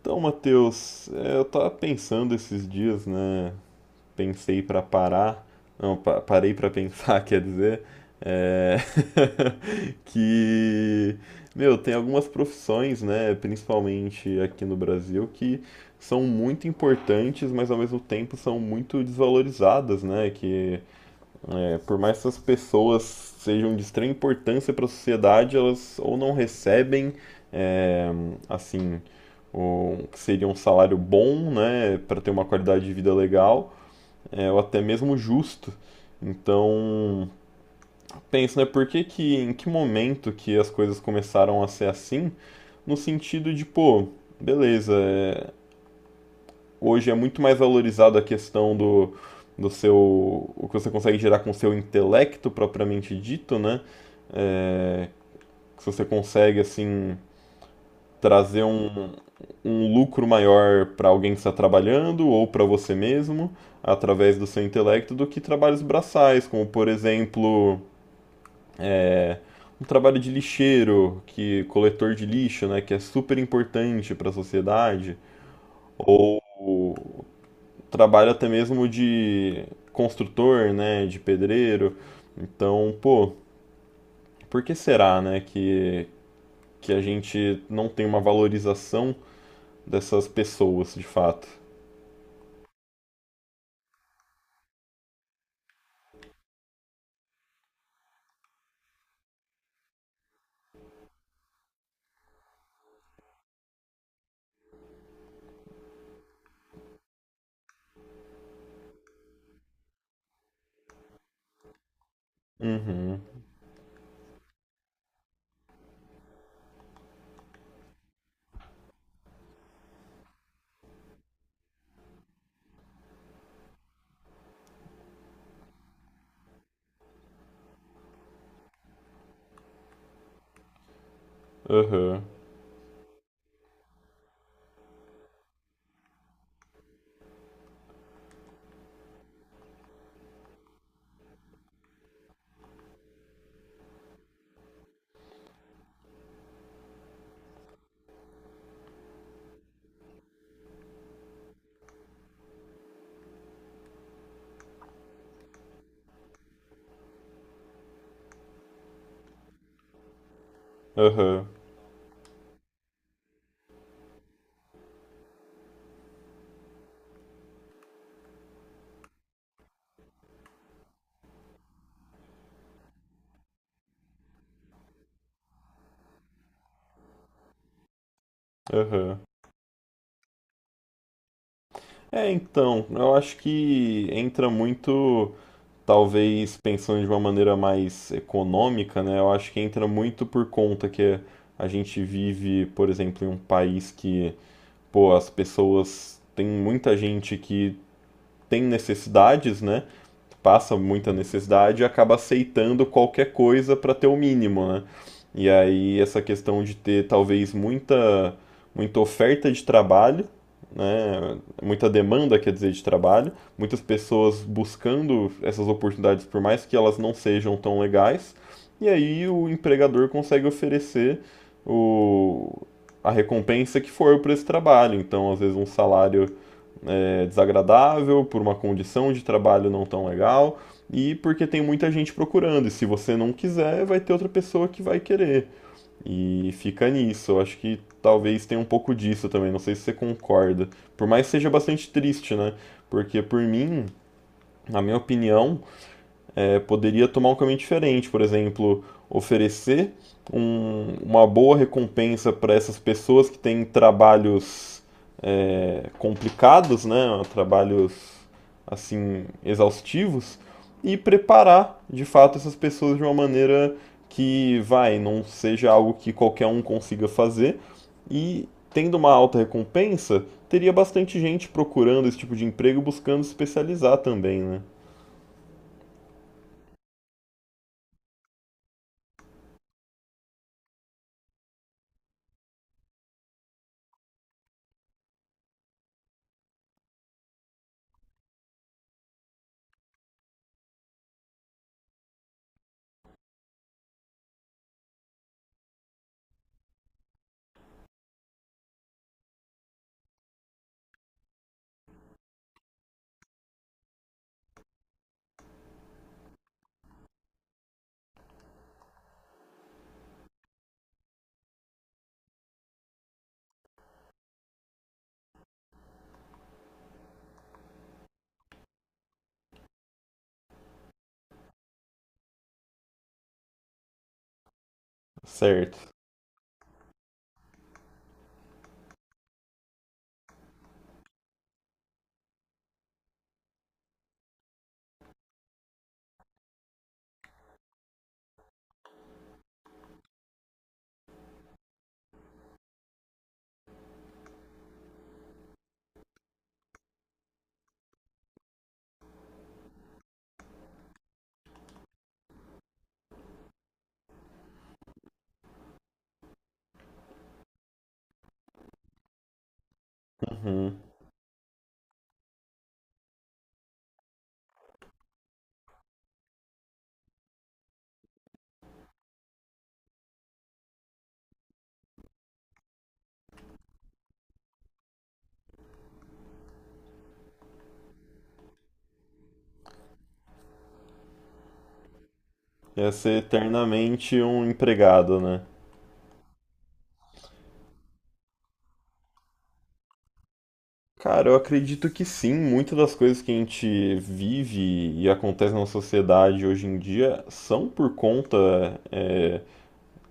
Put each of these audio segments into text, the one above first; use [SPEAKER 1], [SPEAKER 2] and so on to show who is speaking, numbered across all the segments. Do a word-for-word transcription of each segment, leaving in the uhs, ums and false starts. [SPEAKER 1] Então, Matheus, é, eu tava pensando esses dias, né? Pensei pra parar, não, pa- parei pra pensar, quer dizer, é, que, meu, tem algumas profissões, né, principalmente aqui no Brasil, que são muito importantes, mas ao mesmo tempo são muito desvalorizadas, né? Que é, por mais que essas pessoas sejam de extrema importância para a sociedade, elas ou não recebem, é, assim, o que seria um salário bom, né, para ter uma qualidade de vida legal, é, ou até mesmo justo. Então, penso, né, por que que, em que momento que as coisas começaram a ser assim? No sentido de, pô, beleza, é, hoje é muito mais valorizado a questão do, do seu o que você consegue gerar com o seu intelecto propriamente dito, né? Se você consegue assim trazer um, um lucro maior para alguém que está trabalhando ou para você mesmo através do seu intelecto do que trabalhos braçais, como por exemplo um trabalho de lixeiro, que coletor de lixo, né, que é super importante para a sociedade, trabalho até mesmo de construtor, né, de pedreiro. Então, pô, por que será, né, que, que a gente não tem uma valorização dessas pessoas, de fato? Uhum, aham, aham, aham. É, então, eu acho que entra muito, talvez pensando de uma maneira mais econômica, né? Eu acho que entra muito por conta que a gente vive, por exemplo, em um país que, pô, as pessoas tem muita gente que tem necessidades, né? Passa muita necessidade e acaba aceitando qualquer coisa para ter o mínimo, né? E aí essa questão de ter talvez muita, muita oferta de trabalho, né? Muita demanda, quer dizer, de trabalho, muitas pessoas buscando essas oportunidades por mais que elas não sejam tão legais, e aí o empregador consegue oferecer o, a recompensa que for por esse trabalho. Então, às vezes um salário é, desagradável, por uma condição de trabalho não tão legal e porque tem muita gente procurando. E se você não quiser, vai ter outra pessoa que vai querer. E fica nisso. Eu acho que talvez tenha um pouco disso também. Não sei se você concorda. Por mais que seja bastante triste, né? Porque por mim, na minha opinião, é, poderia tomar um caminho diferente. Por exemplo, oferecer um- uma boa recompensa para essas pessoas que têm trabalhos é, complicados, né, trabalhos assim exaustivos e preparar de fato essas pessoas de uma maneira que vai não seja algo que qualquer um consiga fazer e tendo uma alta recompensa teria bastante gente procurando esse tipo de emprego buscando se especializar também, né? Certo. Uhum. Ia ser eternamente um empregado, né? Cara, eu acredito que sim, muitas das coisas que a gente vive e acontece na sociedade hoje em dia são por conta eh,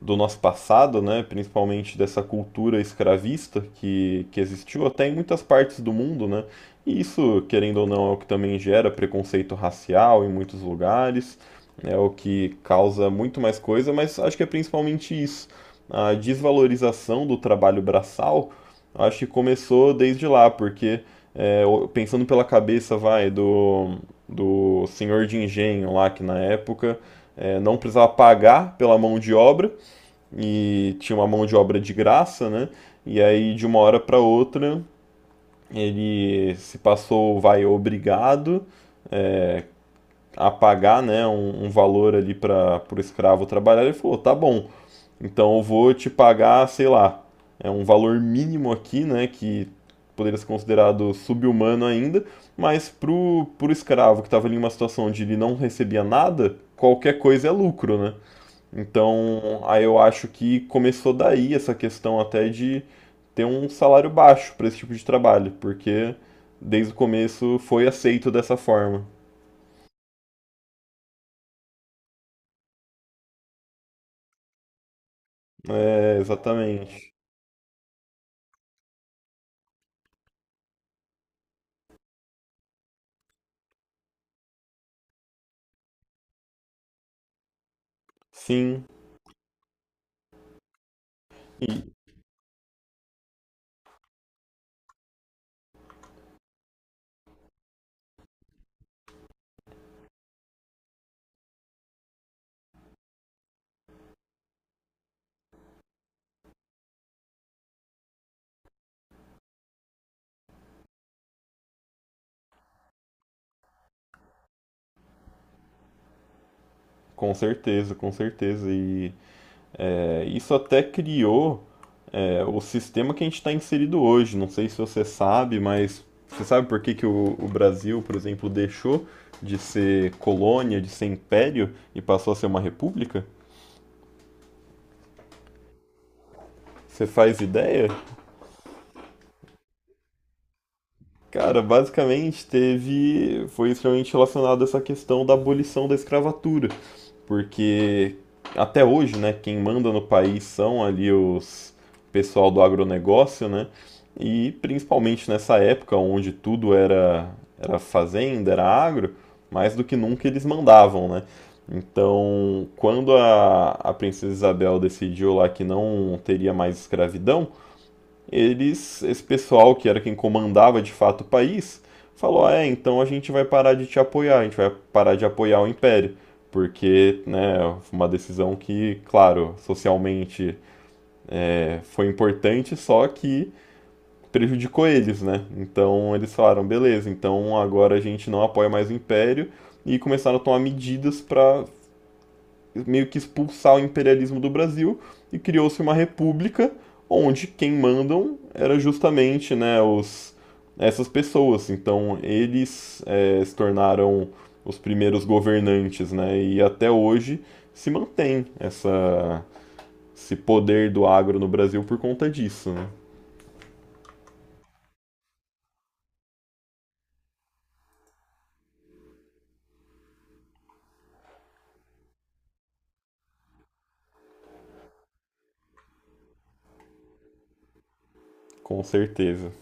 [SPEAKER 1] do nosso passado, né, principalmente dessa cultura escravista que, que existiu até em muitas partes do mundo, né, e isso, querendo ou não, é o que também gera preconceito racial em muitos lugares, é o que causa muito mais coisa, mas acho que é principalmente isso, a desvalorização do trabalho braçal, acho que começou desde lá, porque é, pensando pela cabeça, vai, do, do senhor de engenho lá, que na época é, não precisava pagar pela mão de obra, e tinha uma mão de obra de graça, né? E aí de uma hora para outra ele se passou, vai obrigado a pagar, né, um, um valor ali para o escravo trabalhar. Ele falou, tá bom, então eu vou te pagar, sei lá, é um valor mínimo aqui, né, que poderia ser considerado sub humano ainda, mas pro, pro escravo que estava ali em uma situação onde ele não recebia nada, qualquer coisa é lucro, né? Então, aí eu acho que começou daí essa questão até de ter um salário baixo para esse tipo de trabalho, porque desde o começo foi aceito dessa forma. É, exatamente. Sim, e com certeza, com certeza. E é, isso até criou é, o sistema que a gente está inserido hoje. Não sei se você sabe, mas você sabe por que que o, o Brasil, por exemplo, deixou de ser colônia, de ser império e passou a ser uma república? Você faz ideia? Cara, basicamente teve. Foi extremamente relacionado a essa questão da abolição da escravatura. Porque até hoje, né, quem manda no país são ali os pessoal do agronegócio, né? E principalmente nessa época onde tudo era, era fazenda, era agro, mais do que nunca eles mandavam, né? Então, quando a, a princesa Isabel decidiu lá que não teria mais escravidão, eles, esse pessoal que era quem comandava de fato o país, falou: "Ah, é, então a gente vai parar de te apoiar, a gente vai parar de apoiar o Império, porque, né, uma decisão que, claro, socialmente é, foi importante, só que prejudicou eles, né? Então eles falaram: beleza, então agora a gente não apoia mais o Império e começaram a tomar medidas para meio que expulsar o imperialismo do Brasil e criou-se uma república onde quem mandam era justamente né, os, essas pessoas. Então eles é, se tornaram os primeiros governantes, né? E até hoje se mantém essa, esse poder do agro no Brasil por conta disso, né? Com certeza.